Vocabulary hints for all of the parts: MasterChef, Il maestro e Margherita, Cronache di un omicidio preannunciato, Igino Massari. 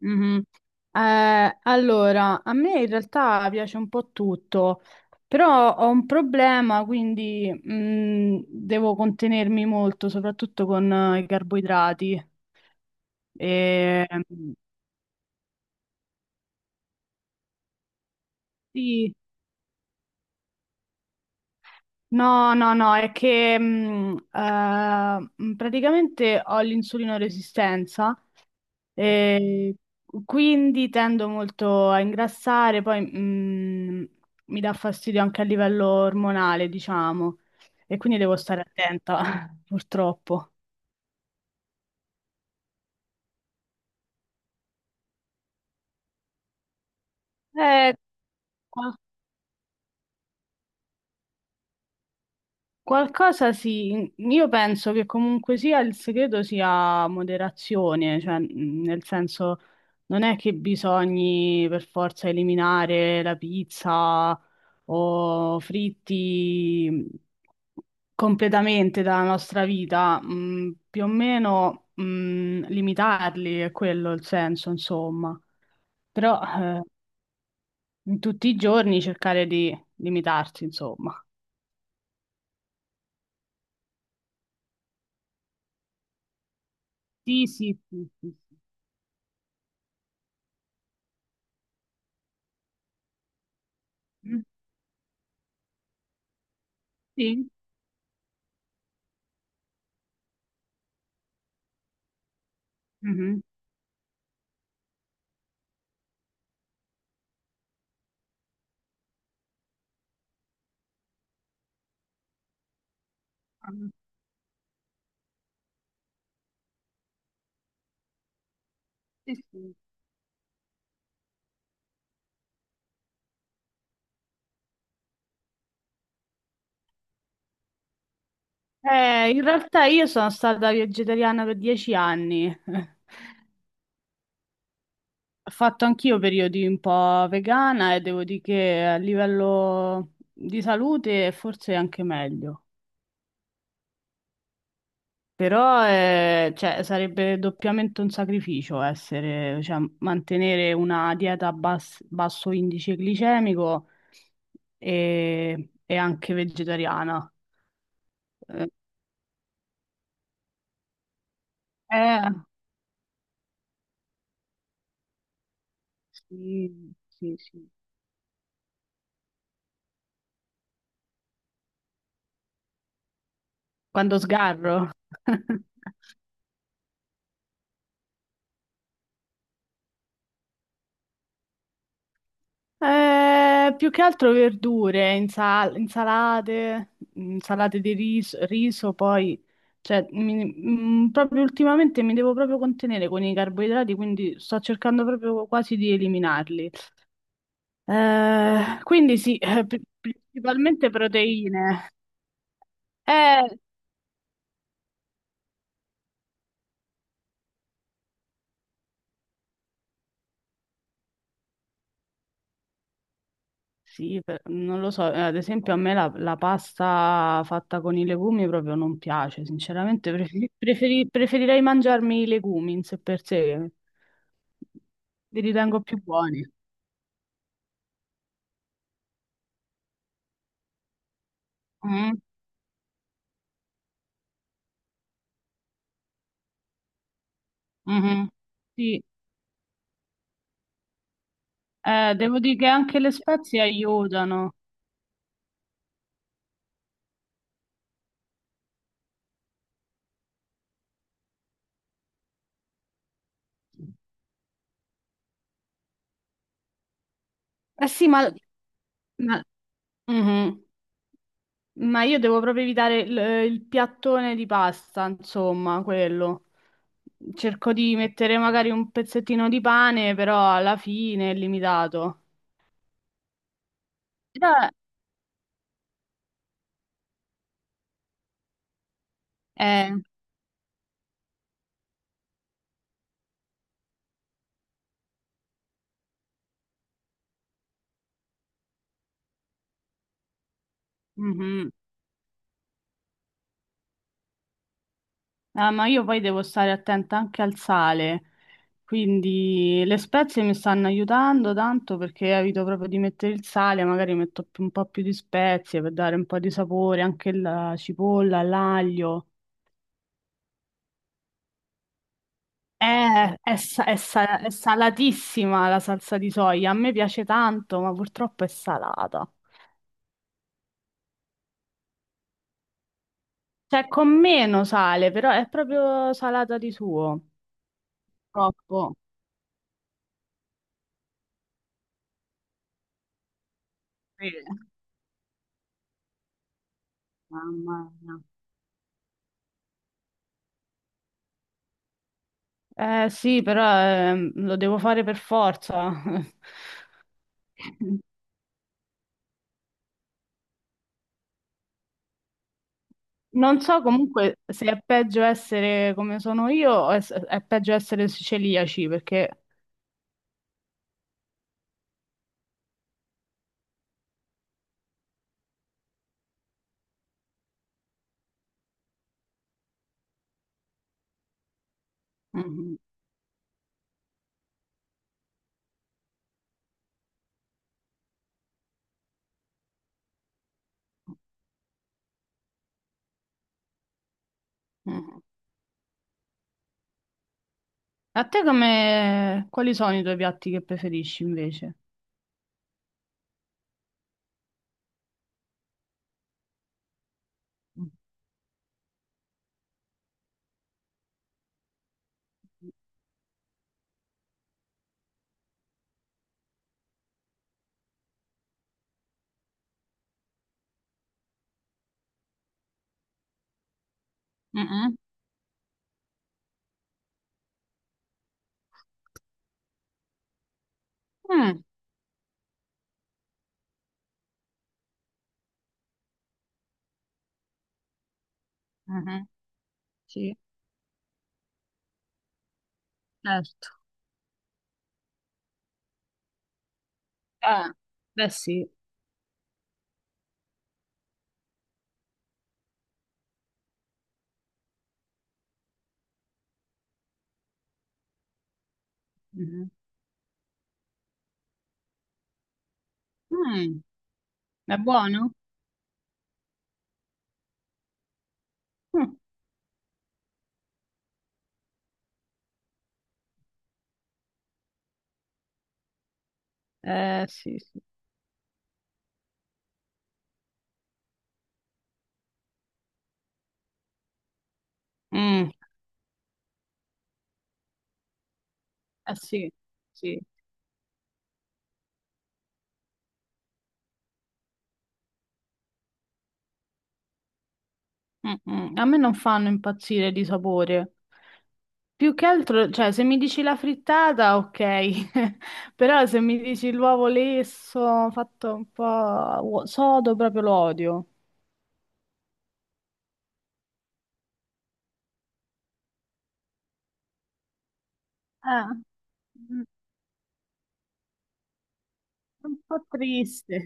Mhm. Allora, a me in realtà piace un po' tutto, però ho un problema, quindi devo contenermi molto, soprattutto con i carboidrati. E, sì, no, no, no, è che praticamente ho l'insulino resistenza. E quindi tendo molto a ingrassare, poi mi dà fastidio anche a livello ormonale, diciamo, e quindi devo stare attenta, purtroppo. Eh, Qualcosa sì, io penso che comunque sia il segreto sia moderazione, cioè nel senso non è che bisogni per forza eliminare la pizza o fritti completamente dalla nostra vita, più o meno limitarli è quello il senso, insomma, però in tutti i giorni cercare di limitarsi, insomma. Sì, sì, sì, sì. Sì. Mm, sì. Mhm. Ah, sì, sì. In realtà io sono stata vegetariana per 10 anni. Ho fatto anch'io periodi un po' vegana e devo dire che a livello di salute forse è anche meglio. Però cioè, sarebbe doppiamente un sacrificio essere, cioè, mantenere una dieta a basso indice glicemico e anche vegetariana. Eh, eh, Sì, sì, sì. Quando sgarro. Più che altro verdure, insalate, insalate di riso, riso, poi, cioè, proprio ultimamente mi devo proprio contenere con i carboidrati, quindi sto cercando proprio quasi di eliminarli. Quindi sì, principalmente proteine. Eh, Sì, non lo so, ad esempio a me la pasta fatta con i legumi proprio non piace, sinceramente preferirei mangiarmi i legumi in sé per sé, che li ritengo più buoni. Mm, mhm. Sì, devo dire che anche le spezie aiutano. Eh sì, ma, ma- mhm. Ma io devo proprio evitare il piattone di pasta, insomma, quello. Cerco di mettere magari un pezzettino di pane, però alla fine è limitato. Però, eh, mhm. Ah, ma io poi devo stare attenta anche al sale, quindi le spezie mi stanno aiutando tanto perché evito proprio di mettere il sale, magari metto un po' più di spezie per dare un po' di sapore, anche la cipolla, l'aglio. È salatissima la salsa di soia, a me piace tanto, ma purtroppo è salata. Cioè, con meno sale, però è proprio salata di suo. Troppo. Sì. Mamma mia. Eh sì, però lo devo fare per forza. Non so comunque se è peggio essere come sono io o è peggio essere celiaci, perché... Mhm. Mhm. A te come... quali sono i tuoi piatti che preferisci invece? Mhm. Mm. Mhm. Sì, certo. Eh, beh sì. Mm-hmm. Mm, è buono? Mm, eh sì, sì. Mm, eh sì, sì. Mm, mm. A me non fanno impazzire di sapore. Più che altro, cioè, se mi dici la frittata, ok. Però se mi dici l'uovo lesso, fatto un po' sodo, proprio lo odio. Eh, mm, un po' triste.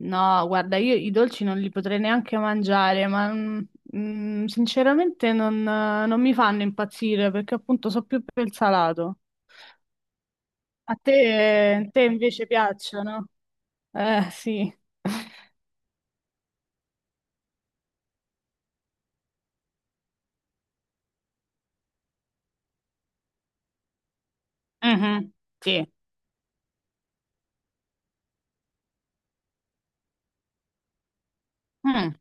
No, guarda, io i dolci non li potrei neanche mangiare, ma sinceramente non mi fanno impazzire perché appunto so più per il salato. A te, te invece piacciono? Sì. Mhm, sì. Mm.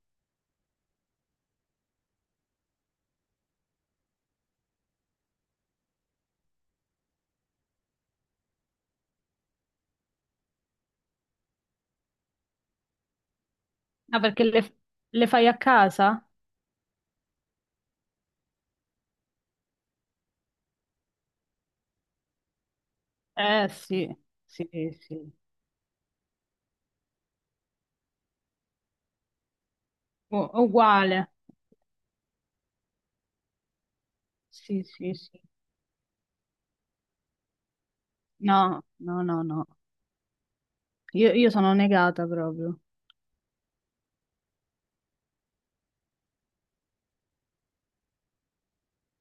Ah, perché le fai a casa? Sì, sì, sì. Uguale. Sì, sì, sì. No, no, no, no. Io sono negata proprio.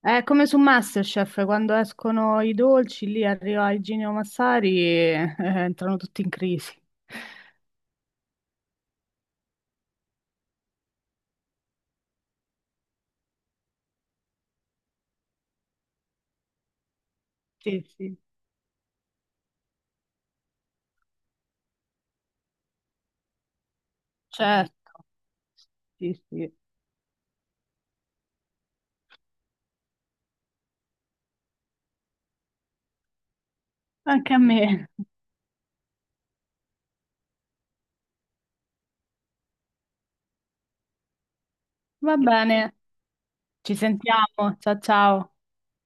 È come su MasterChef, quando escono i dolci, lì arriva Igino Massari e entrano tutti in crisi. Sì, sì, certo. Sì, sì. Anche a me. Va bene, ci sentiamo. Ciao, ciao.